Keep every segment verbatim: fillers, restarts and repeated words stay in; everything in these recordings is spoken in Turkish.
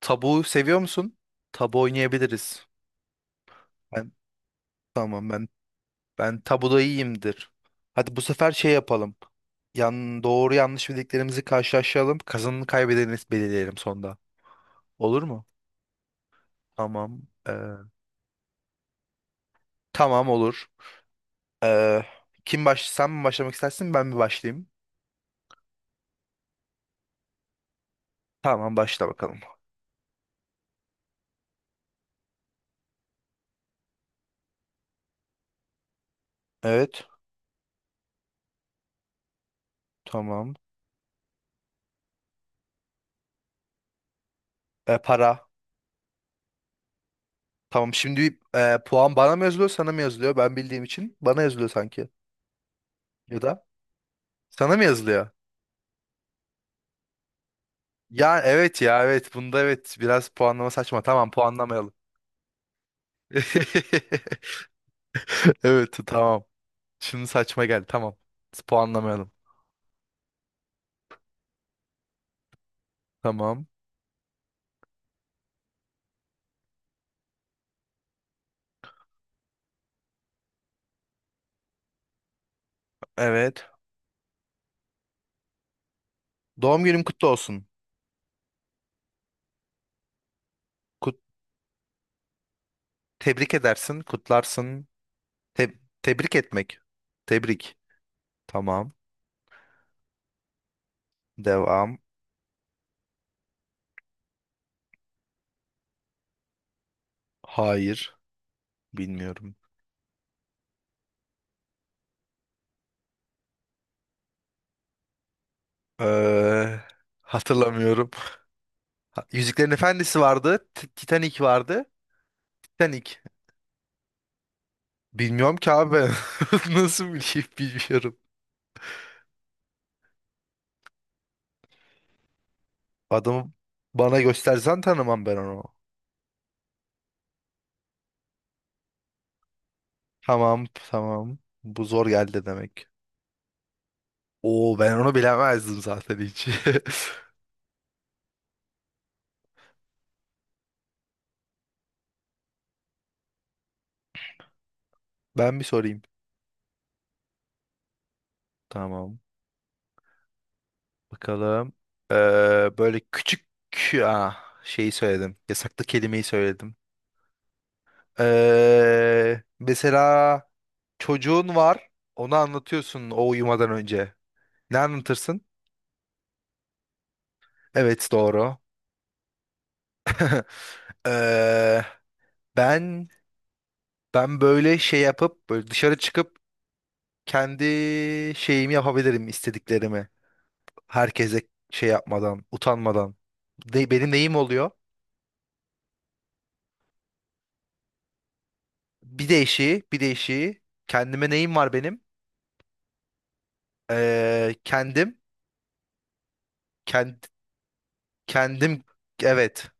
Tabu seviyor musun? Tabu oynayabiliriz. Ben tamam ben ben tabuda iyiyimdir. Hadi bu sefer şey yapalım. Yan doğru yanlış bildiklerimizi karşılaştıralım. Kazanını kaybedeni belirleyelim sonda. Olur mu? Tamam. Ee, tamam olur. Ee, kim baş sen mi başlamak istersin ben mi başlayayım? Tamam başla bakalım. Evet. Tamam. Ee, para. Tamam şimdi e, puan bana mı yazılıyor sana mı yazılıyor? Ben bildiğim için bana yazılıyor sanki. Ya da sana mı yazılıyor? Ya evet ya evet bunda evet biraz puanlama saçma, tamam puanlamayalım. Evet tamam. Şimdi saçma geldi tamam. Puanlamayalım. Tamam. Evet. Doğum günün kutlu olsun. Kut Tebrik edersin, kutlarsın. Te- tebrik etmek. Tebrik. Tamam. Devam. Hayır. Bilmiyorum. Ee, Hatırlamıyorum. Ha- Yüzüklerin Efendisi vardı. T- Titanic vardı. Titanic. Bilmiyorum ki abi ben. Nasıl bileyim, bilmiyorum. Adamı bana göstersen tanımam ben onu. Tamam, tamam. Bu zor geldi demek. Oo, ben onu bilemezdim zaten hiç. Ben bir sorayım. Tamam. Bakalım. Ee, Böyle küçük ah, şeyi söyledim. Yasaklı kelimeyi söyledim. Ee, mesela çocuğun var. Onu anlatıyorsun o uyumadan önce. Ne anlatırsın? Evet doğru. Ee, ben ben böyle şey yapıp böyle dışarı çıkıp kendi şeyimi yapabilirim, istediklerimi. Herkese şey yapmadan, utanmadan. De- benim neyim oluyor? Bir değişiği, bir değişiği. Kendime neyim var benim? Ee, kendim, kend, kendim, evet,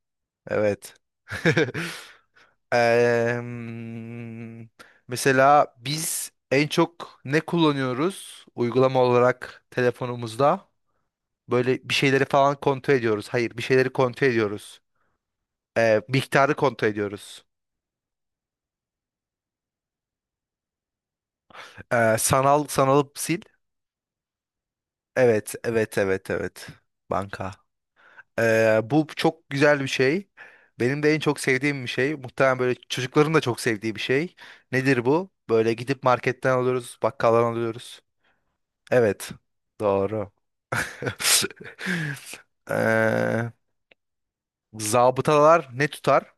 evet. Em, Mesela biz en çok ne kullanıyoruz uygulama olarak telefonumuzda? Böyle bir şeyleri falan kontrol ediyoruz. Hayır, bir şeyleri kontrol ediyoruz. Ee, miktarı kontrol ediyoruz. Ee, sanal sanalıp sil. Evet, evet, evet, evet. Banka. Ee, bu çok güzel bir şey. Benim de en çok sevdiğim bir şey. Muhtemelen böyle çocukların da çok sevdiği bir şey. Nedir bu? Böyle gidip marketten alıyoruz, bakkaldan alıyoruz. Evet, doğru. Ee, Zabıtalar ne tutar?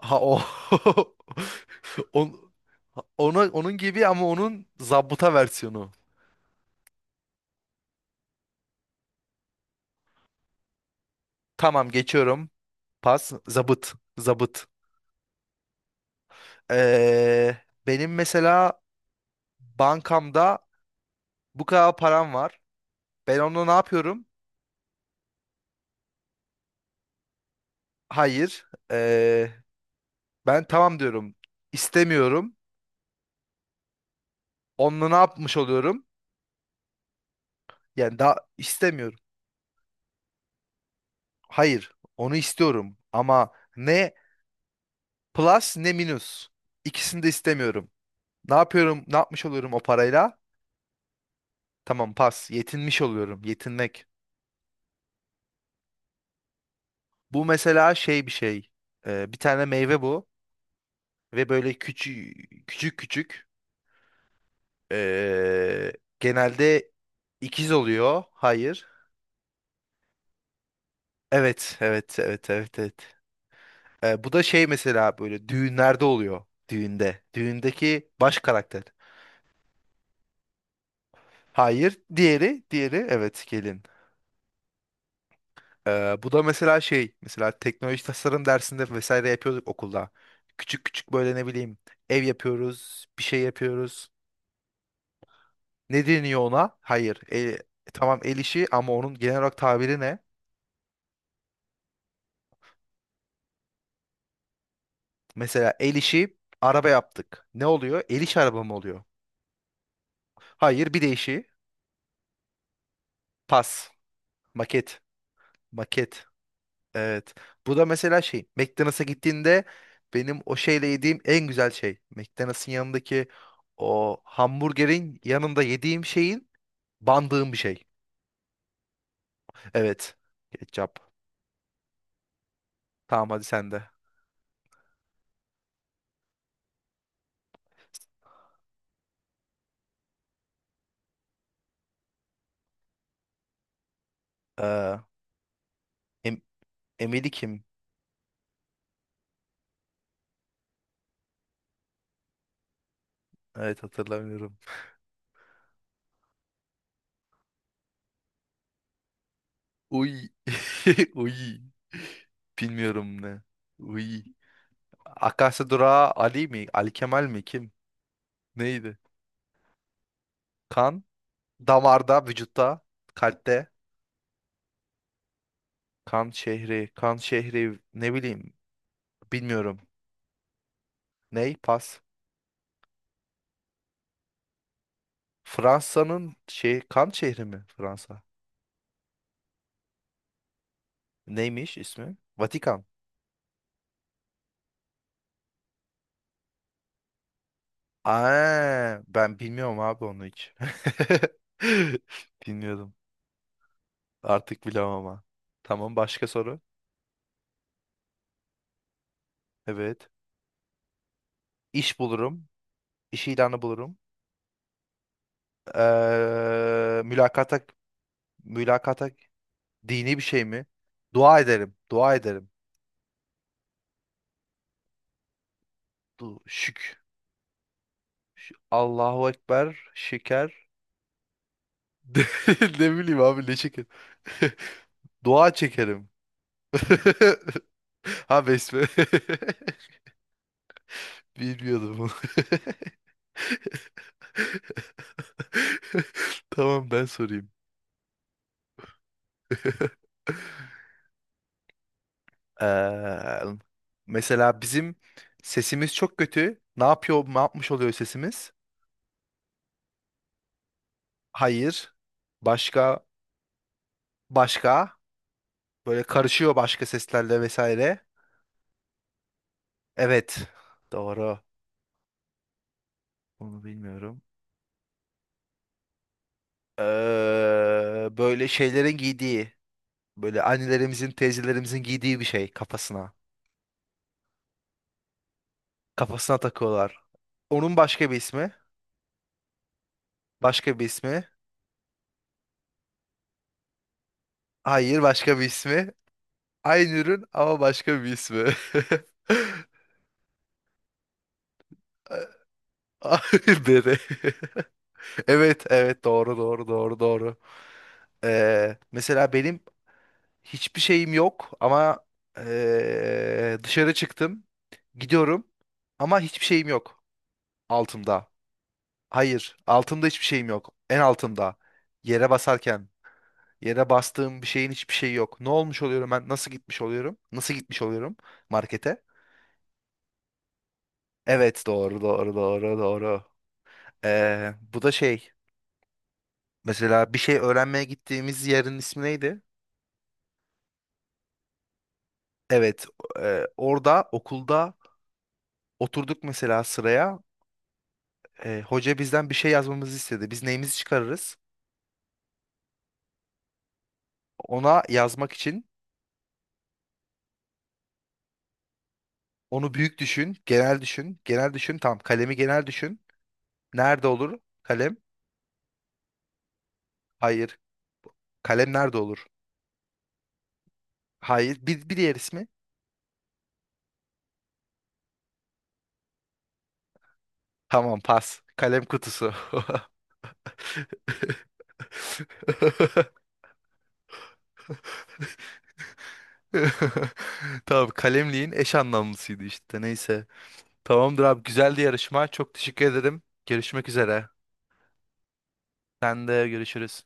Ha o. On, Ona, onun gibi ama onun zabıta versiyonu. Tamam geçiyorum. Pas. Zabıt. Zabıt. Ee, Benim mesela bankamda bu kadar param var. Ben onunla ne yapıyorum? Hayır. Ee, ben tamam diyorum. İstemiyorum. Onunla ne yapmış oluyorum? Yani daha istemiyorum. Hayır. Onu istiyorum. Ama ne plus ne minus. İkisini de istemiyorum. Ne yapıyorum? Ne yapmış oluyorum o parayla? Tamam pas. Yetinmiş oluyorum. Yetinmek. Bu mesela şey bir şey. Ee, bir tane meyve bu. Ve böyle küçük küçük küçük. Ee, Genelde ikiz oluyor. Hayır. Evet, evet, evet, evet, evet. Ee, bu da şey mesela böyle düğünlerde oluyor. Düğünde. Düğündeki baş karakter. Hayır. Diğeri, diğeri evet gelin. Ee, bu da mesela şey mesela teknoloji tasarım dersinde vesaire yapıyorduk okulda. Küçük küçük böyle ne bileyim ev yapıyoruz, bir şey yapıyoruz. Ne deniyor ona? Hayır. E, tamam el işi ama onun genel olarak tabiri ne? Mesela el işi araba yaptık. Ne oluyor? El işi araba mı oluyor? Hayır, bir de işi pas, maket, maket. Evet. Bu da mesela şey, McDonald's'a gittiğinde benim o şeyle yediğim en güzel şey. McDonald's'ın yanındaki o hamburgerin yanında yediğim şeyin bandığım bir şey. Evet. Ketçap. Tamam hadi sen de. Ee, em Emeli kim? Evet hatırlamıyorum. Uy. Uy. Bilmiyorum ne. Uy. Akasya durağı Ali mi? Ali Kemal mi? Kim? Neydi? Kan damarda, vücutta, kalpte. Kan şehri, kan şehri ne bileyim, bilmiyorum. Ney? Pas. Fransa'nın şey kan şehri mi Fransa? Neymiş ismi? Vatikan. Aa, ben bilmiyorum abi onu hiç. Bilmiyordum. Artık bilemem ama. Tamam başka soru. Evet. İş bulurum. İş ilanı bulurum. Ee, mülakata mülakata Dini bir şey mi? Dua ederim. Dua ederim. Du şük. Ş- Allahu Ekber. Şeker. Ne, ne bileyim abi ne şeker. Dua çekerim. Ha besme. Bilmiyordum bunu. Tamam ben sorayım. Eee, Mesela bizim sesimiz çok kötü. Ne yapıyor, ne yapmış oluyor sesimiz? Hayır. Başka, başka. Böyle karışıyor başka seslerle vesaire. Evet. Doğru. Onu bilmiyorum. Ee, böyle şeylerin giydiği, böyle annelerimizin, teyzelerimizin giydiği bir şey kafasına. Kafasına takıyorlar. Onun başka bir ismi. Başka bir ismi. Hayır, başka bir ismi. Aynı ürün ama başka bir ismi. Hayır dedi. Evet, evet doğru, doğru, doğru, doğru. Ee, mesela benim hiçbir şeyim yok ama eee, dışarı çıktım. Gidiyorum ama hiçbir şeyim yok altımda. Hayır, altımda hiçbir şeyim yok. En altımda. Yere basarken, yere bastığım bir şeyin hiçbir şeyi yok. Ne olmuş oluyorum ben? Nasıl gitmiş oluyorum? Nasıl gitmiş oluyorum markete? Evet, doğru, doğru, doğru, doğru. Eee, bu da şey. Mesela bir şey öğrenmeye gittiğimiz yerin ismi neydi? Evet, eee, orada okulda oturduk mesela sıraya. E, hoca bizden bir şey yazmamızı istedi. Biz neyimizi çıkarırız? Ona yazmak için onu büyük düşün, genel düşün, genel düşün. Tamam, kalemi genel düşün. Nerede olur kalem? Hayır. Kalem nerede olur? Hayır. Bir, bir diğer ismi? Tamam, pas. Kalem kutusu. Tamam, kalemliğin eş anlamlısıydı işte. Neyse. Tamamdır abi, güzeldi yarışma. Çok teşekkür ederim. Görüşmek üzere. Sen de görüşürüz.